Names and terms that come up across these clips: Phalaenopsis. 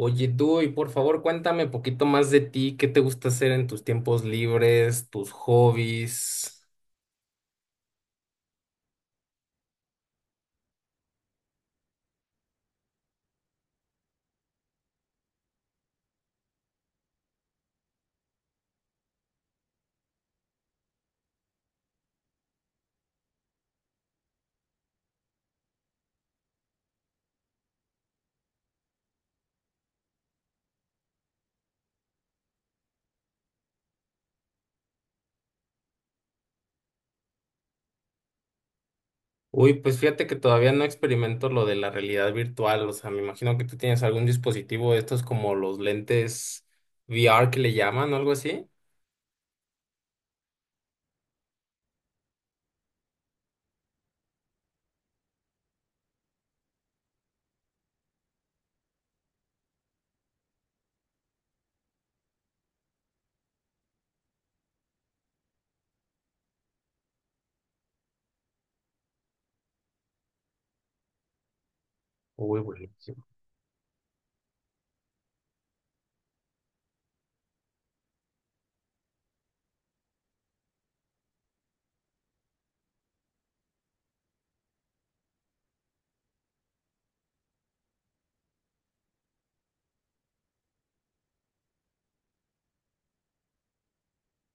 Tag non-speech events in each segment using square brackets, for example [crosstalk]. Oye, tú, y por favor, cuéntame un poquito más de ti, qué te gusta hacer en tus tiempos libres, tus hobbies. Uy, pues fíjate que todavía no experimento lo de la realidad virtual, o sea, me imagino que tú tienes algún dispositivo de estos como los lentes VR que le llaman o algo así. Uy, buenísimo.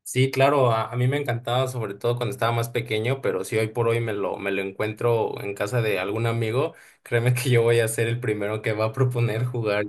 Sí, claro, a mí me encantaba, sobre todo cuando estaba más pequeño, pero si hoy por hoy me lo encuentro en casa de algún amigo, créeme que yo voy a ser el primero que va a proponer jugar.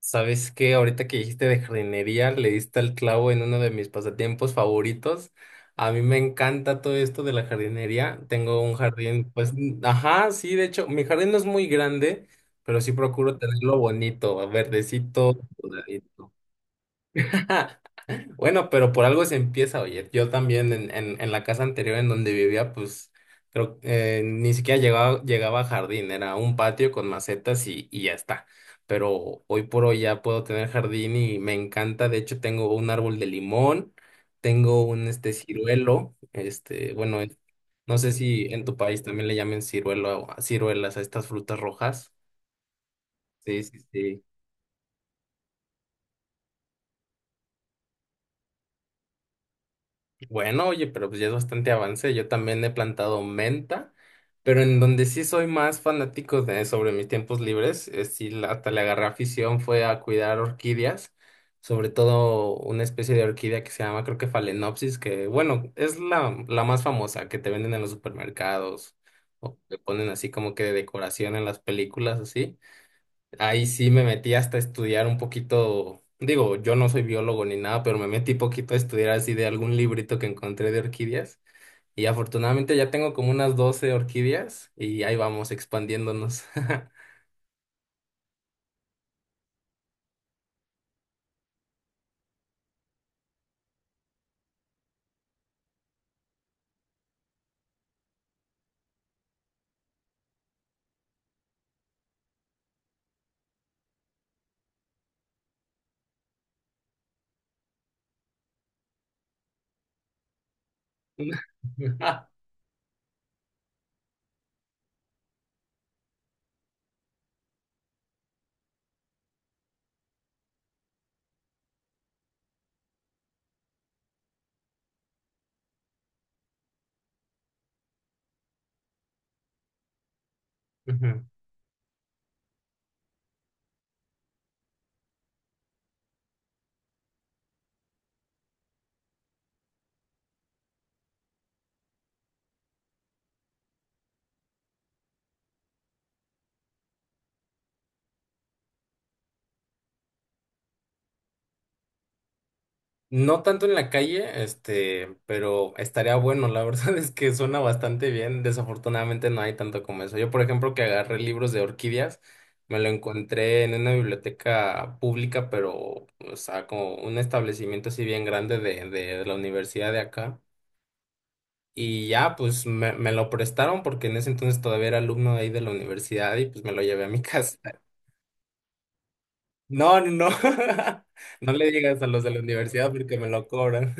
¿Sabes qué? Ahorita que dijiste de jardinería, le diste al clavo en uno de mis pasatiempos favoritos. A mí me encanta todo esto de la jardinería. Tengo un jardín, pues, mm, ajá, sí, de hecho, mi jardín no es muy grande, pero sí procuro tenerlo bonito, verdecito, cuidadito. [laughs] Bueno, pero por algo se empieza, oye. Yo también en la casa anterior en donde vivía, pues creo ni siquiera llegaba, llegaba a jardín, era un patio con macetas y ya está. Pero hoy por hoy ya puedo tener jardín y me encanta. De hecho, tengo un árbol de limón, tengo un este ciruelo, este, bueno, no sé si en tu país también le llamen ciruelo, a ciruelas a estas frutas rojas. Sí, sí, sí. Bueno, oye, pero pues ya es bastante avance. Yo también he plantado menta, pero en donde sí soy más fanático de sobre mis tiempos libres, sí hasta le agarré afición fue a cuidar orquídeas, sobre todo una especie de orquídea que se llama, creo que Phalaenopsis, que bueno, es la, la más famosa que te venden en los supermercados o te ponen así como que de decoración en las películas, así. Ahí sí me metí hasta estudiar un poquito, digo, yo no soy biólogo ni nada, pero me metí poquito a estudiar así de algún librito que encontré de orquídeas y afortunadamente ya tengo como unas 12 orquídeas y ahí vamos expandiéndonos. [laughs] [laughs] No tanto en la calle, este, pero estaría bueno. La verdad [laughs] es que suena bastante bien. Desafortunadamente no hay tanto como eso. Yo, por ejemplo, que agarré libros de orquídeas, me lo encontré en una biblioteca pública, pero, o sea, como un establecimiento así bien grande de la universidad de acá. Y ya, pues me lo prestaron porque en ese entonces todavía era alumno de ahí de la universidad y pues me lo llevé a mi casa. [laughs] No, no, no. [laughs] No le digas a los de la universidad porque me lo cobran.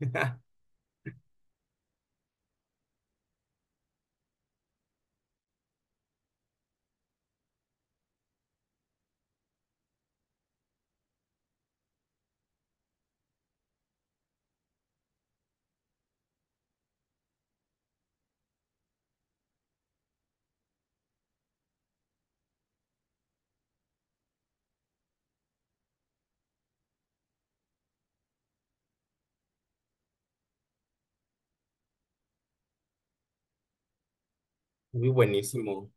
[laughs] Muy buenísimo.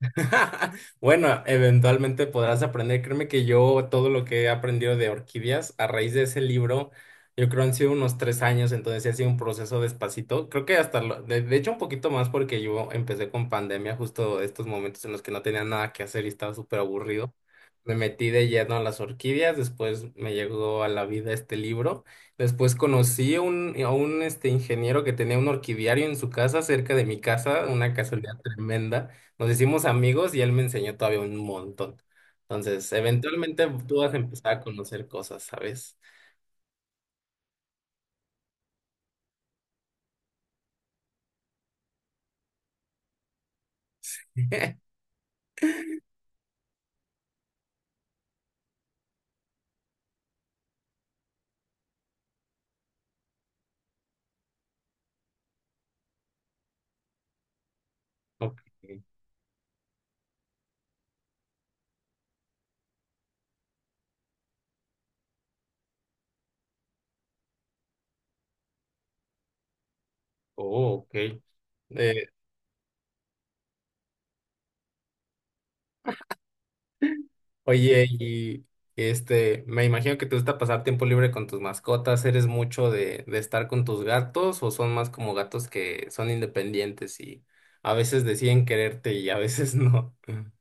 [laughs] Bueno, eventualmente podrás aprender. Créeme que yo todo lo que he aprendido de orquídeas a raíz de ese libro, yo creo han sido unos 3 años, entonces sí ha sido un proceso despacito. Creo que hasta, de hecho, un poquito más porque yo empecé con pandemia, justo estos momentos en los que no tenía nada que hacer y estaba súper aburrido. Me metí de lleno a las orquídeas, después me llegó a la vida este libro. Después conocí a un este, ingeniero que tenía un orquidiario en su casa, cerca de mi casa, una casualidad tremenda. Nos hicimos amigos y él me enseñó todavía un montón. Entonces, eventualmente tú vas a empezar a conocer cosas, ¿sabes? Ok. Oh, ok. Eh, oye, y este, me imagino que te gusta pasar tiempo libre con tus mascotas. ¿Eres mucho de estar con tus gatos o son más como gatos que son independientes y a veces deciden quererte y a veces no? [laughs]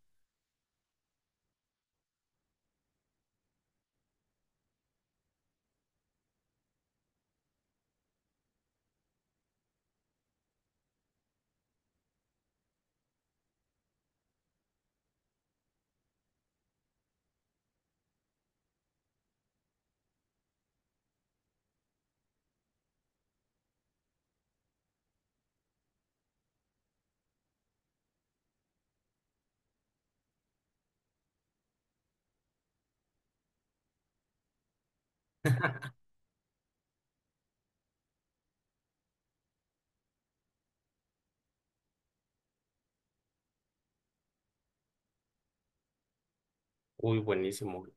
Uy, buenísimo.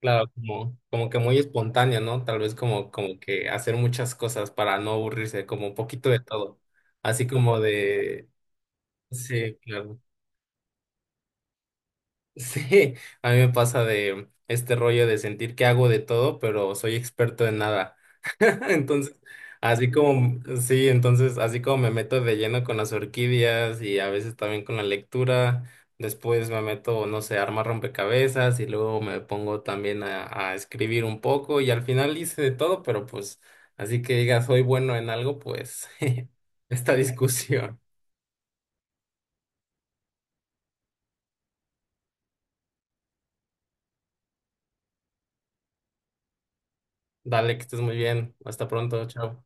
Claro, como, como que muy espontáneo, ¿no? Tal vez como, como que hacer muchas cosas para no aburrirse, como un poquito de todo. Así como de... Sí, claro. Sí, a mí me pasa de este rollo de sentir que hago de todo, pero soy experto en nada. [laughs] Entonces, así como, sí, entonces, así como me meto de lleno con las orquídeas y a veces también con la lectura, después me meto, no sé, a armar rompecabezas y luego me pongo también a escribir un poco y al final hice de todo, pero pues, así que digas, soy bueno en algo, pues, [laughs] esta discusión. Dale, que estés muy bien. Hasta pronto, chao.